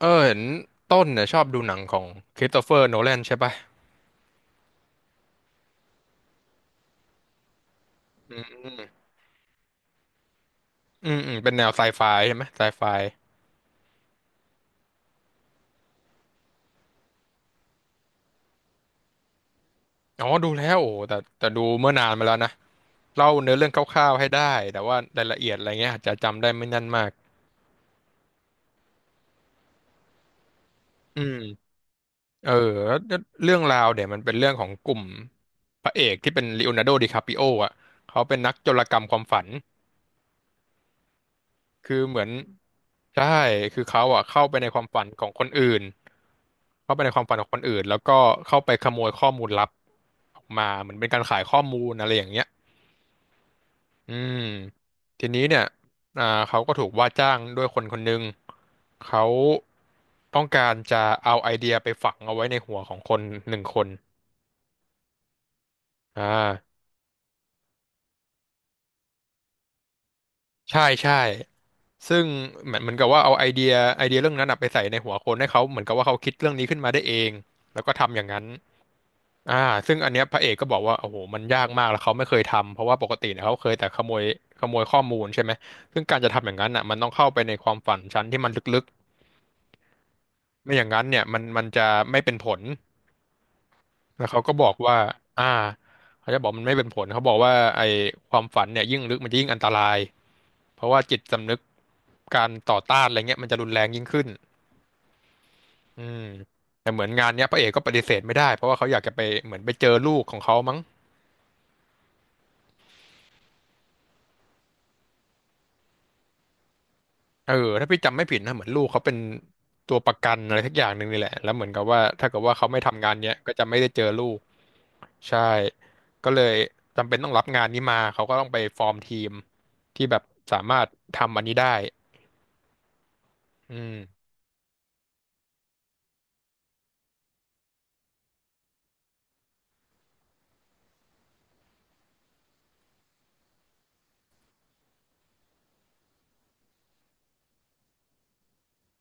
เออเห็นต้นเนี่ยชอบดูหนังของคริสโตเฟอร์โนแลนใช่ปะอืมอืมเป็นแนวไซไฟใช่ไหมไซไฟอ๋อดูแล้วโอ้แต่ดูเมื่อนานมาแล้วนะเล่าเนื้อเรื่องคร่าวๆให้ได้แต่ว่ารายละเอียดอะไรเงี้ยอาจจะจำได้ไม่แน่นมากอืมเออแล้วเรื่องราวเดี๋ยวมันเป็นเรื่องของกลุ่มพระเอกที่เป็นลีโอนาร์โดดิคาปิโออ่ะเขาเป็นนักโจรกรรมความฝัน คือเหมือนใช่ คือเขาอ่ะเข้าไปในความฝันของคนอื่น เข้าไปในความฝันของคนอื่นแล้วก็เข้าไปขโมยข้อมูลลับออกมาเหมือนเป็นการขายข้อมูลอะไรอย่างเงี้ยอืมทีนี้เนี่ยเขาก็ถูกว่าจ้างด้วยคนคนหนึ่งเขาต้องการจะเอาไอเดียไปฝังเอาไว้ในหัวของคนหนึ่งคนอ่าใช่ใช่ซึ่งเหมือนกับว่าเอาไอเดียไอเดียเรื่องนั้นน่ะไปใส่ในหัวคนให้เขาเหมือนกับว่าเขาคิดเรื่องนี้ขึ้นมาได้เองแล้วก็ทำอย่างนั้น อ่าซึ่งอันเนี้ยพระเอกก็บอกว่าโอ้โหมันยากมากแล้วเขาไม่เคยทำเพราะว่าปกติเนี่ยเขาเคยแต่ขโมยขโมยข้อมูลใช่ไหม ซึ่งการจะทำอย่างนั้นอ่ะมันต้องเข้าไปในความฝันชั้นที่มันลึกๆไม่อย่างนั้นเนี่ยมันจะไม่เป็นผล แล้วเขาก็บอกว่าอ่าเขาจะบอกมันไม่เป็นผลเขาบอกว่าไอ้ความฝันเนี่ยยิ่งลึกมันจะยิ่งอันตราย เพราะว่าจิตสำนึกการต่อต้านอะไรเงี้ยมันจะรุนแรงยิ่งขึ้นอืมแต่เหมือนงานเนี้ยพระเอกก็ปฏิเสธไม่ได้เพราะว่าเขาอยากจะไปเหมือนไปเจอลูกของเขามั้ง เออถ้าพี่จำไม่ผิดนะเหมือนลูกเขาเป็นตัวประกันอะไรทักอย่างหนึ่งนี่แหละแล้วเหมือนกับว่าถ้าเกิดว่าเขาไม่ทำงานเนี้ยก็จะไม่ได้เจอลูกใช่ก็เลยจำเป็นต้องรับงานนี้มาเขาก็ต้องไปฟอร์มทีมที่แบบสามารถทำอันนี้ได้อืม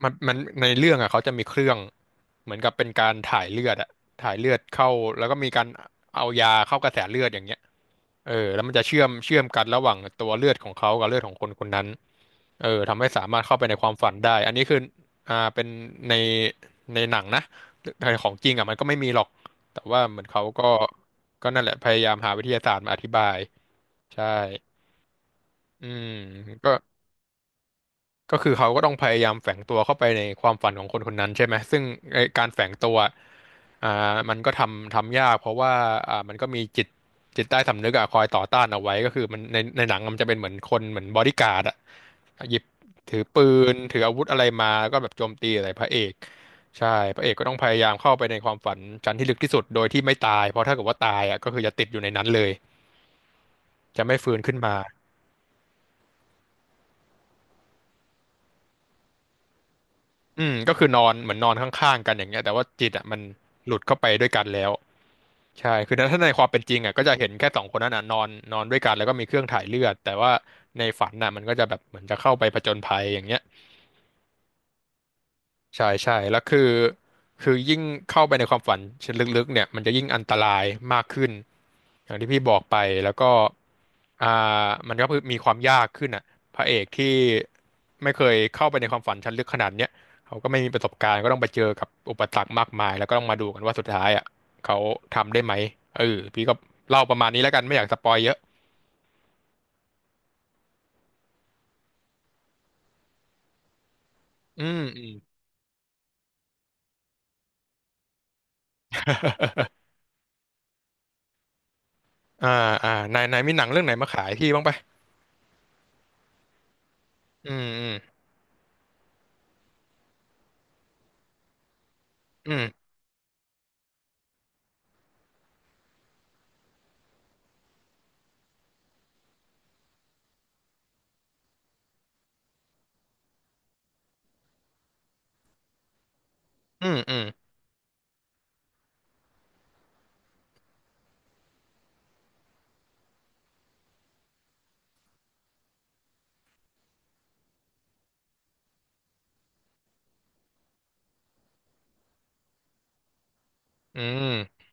มันในเรื่องอ่ะเขาจะมีเครื่องเหมือนกับเป็นการถ่ายเลือดอะถ่ายเลือดเข้าแล้วก็มีการเอายาเข้ากระแสเลือดอย่างเงี้ย เออแล้วมันจะเชื่อมเชื่อมกันระหว่างตัวเลือดของเขากับเลือดของคนคนนั้นเออทำให้สามารถเข้าไปในความฝันได้อันนี้คือเป็นในในหนังนะแต่ของจริงอ่ะมันก็ไม่มีหรอกแต่ว่าเหมือนเขาก็ก็นั่นแหละพยายามหาวิทยาศาสตร์มาอธิบายใช่อืมก็ ก็คือเขาก็ต้องพยายามแฝงตัวเข้าไปในความฝันของคนคนนั้นใช่ไหมซึ่งไอ้การแฝงตัวมันก็ทำทำยากเพราะว่ามันก็มีจิตจิตใต้สำนึกอะคอยต่อต้านเอาไว้ก็คือมันในในหนังมันจะเป็นเหมือนคนเหมือนบอดี้การ์ดอะหยิบถือปืนถืออาวุธอะไรมาแล้วก็แบบโจมตีอะไรพระเอกใช่พระเอกก็ต้องพยายามเข้าไปในความฝันชั้นที่ลึกที่สุดโดยที่ไม่ตายเพราะถ้าเกิดว่าตายอะก็คือจะติดอยู่ในนั้นเลยจะไม่ฟื้นขึ้นมา อืมก็คือนอนเหมือนนอนข้างๆกันอย่างเงี้ยแต่ว่าจิตอ่ะมันหลุดเข้าไปด้วยกันแล้วใช่คือถ้าในความเป็นจริงอ่ะก็จะเห็นแค่สองคนนั้นอ่ะนอนนอนด้วยกันแล้วก็มีเครื่องถ่ายเลือดแต่ว่าในฝันน่ะมันก็จะแบบเหมือนจะเข้าไปผจญภัยอย่างเงี้ย ใช่ใช่แล้วคือคือยิ่งเข้าไปในความฝันชั้นลึกๆเนี่ยมันจะยิ่งอันตรายมากขึ้นอย่างที่พี่บอกไปแล้วก็อ่ามันก็คือมีความยากขึ้นอ่ะพระเอกที่ไม่เคยเข้าไปในความฝันชั้นลึกขนาดเนี้ยเขาก็ไม่มีประสบการณ์ก็ต้องไปเจอกับอุปสรรคมากมายแล้วก็ต้องมาดูกันว่าสุดท้ายอ่ะเขาทำได้ไหมเออพี่ก็เล่าประมาณนี้แล้วกันไม่อยากสปอยเยอะอืมอืมอ่าอ่านายนายมีหนังเรื่องไหนมาขายพี่บ้างปะอืมอืมอืมอืมอืมอืม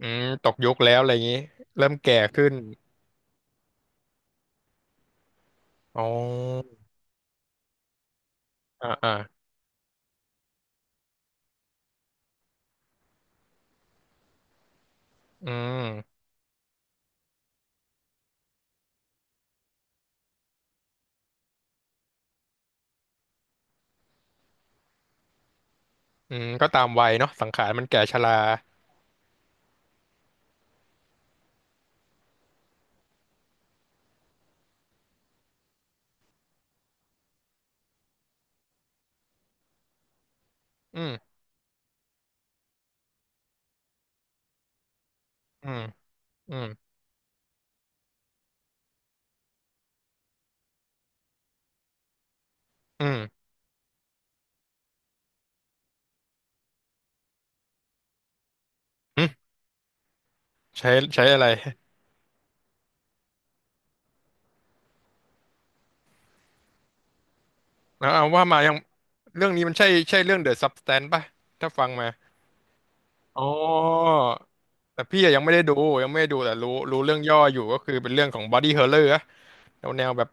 อืมตกยุคแล้วอะไรอย่างนี้เริ่มแก่ขึ้นอ๋ออ่าอ่าอืมอืมก็ตามวัยเนาะสังขารมันแก่ชราอืมอืมอืมอืมอืมใช้ใช้อะไรเอาว่ามายังเรื่องนี้มันใช่ใช่เรื่อง The Substance ป่ะถ้าฟังมาอ๋อแต่พี่อะยังไม่ได้ดูยังไม่ได้ดูแต่รู้รู้เรื่องย่ออยู่ก็คือเป็นเรื่องของ Body Horror อะแนวแนวแบบ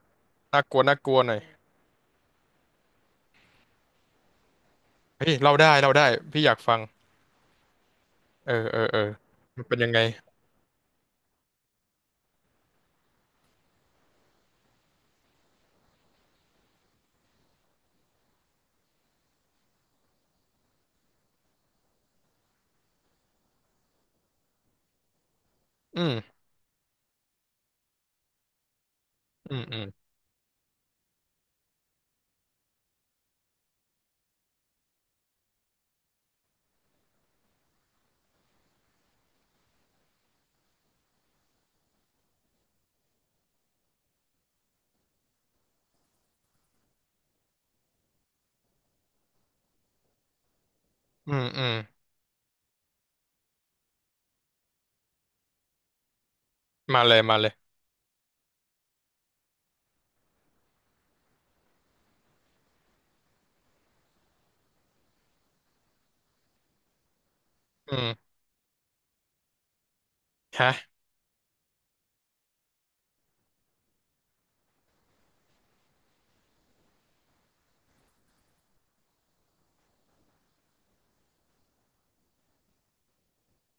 น่ากลัวน่ากลัวหน่อยเฮ้ยเล่าได้เล่าได้พี่อยากฟังเออเออเออมันเป็นยังไงอืมอืมอืม อืมอืมมาเลยมาเลยอืมฮะ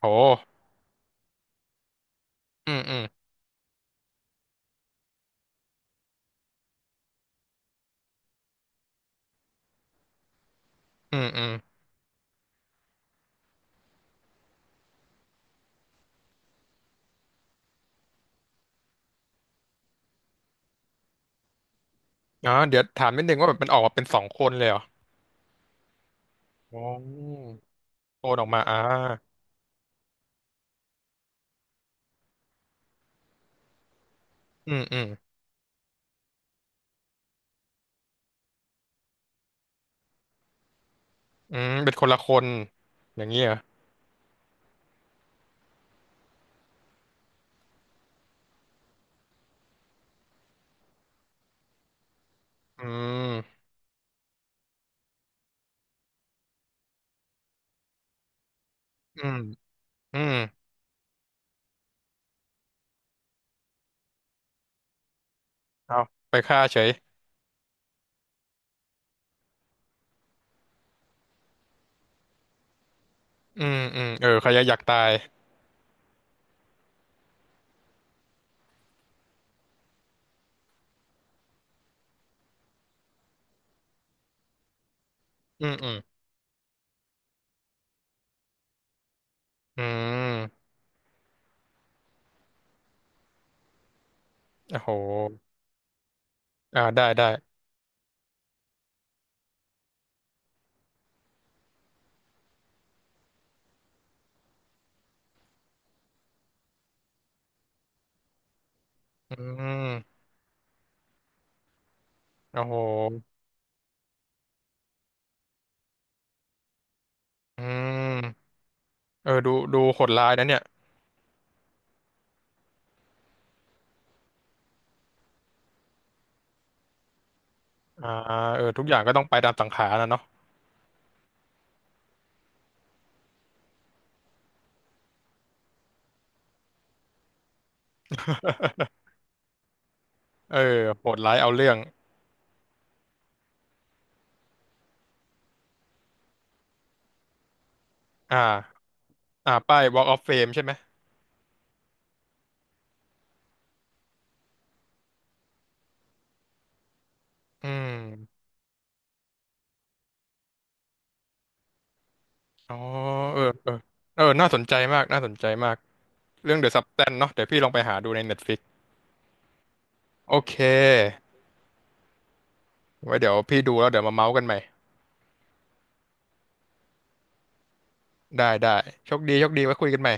โหอืมอืมอืมอืมอ๋อเดี๋ยวถามนิดนึงว่าแบบมันออกมาเป็นสองคนเลยเหรอโอ้โอนออกมาอ่าอืมอืมอืมเป็นคนละคนอย่างนี้เหรออืมอืมอืมเอาไปฆ่าเฉยอืมอืมเออใครอยากตายอืมอืมอืมโอ้โหอ่าได้ได้อืมโอ้โหอืมเออดูดูโหดร้ายนะเนี่ยอ่าเออทุกอย่างก็ต้องไปตามสังขารนะเนาะ เออโหดร้ายเอาเรื่องอ่าอ่าป้าย Walk of Fame ใช่ไหมอืมอ๋อเออเออเออน่าสนใจมากน่าสนใจมากเรื่อง The Substance เนาะเดี๋ยวพี่ลองไปหาดูใน Netflix โอเคไว้เดี๋ยวพี่ดูแล้วเดี๋ยวมาเมาส์กันใหม่ ได้ได้โชคดีโชคดีไว้คุยกันใหม่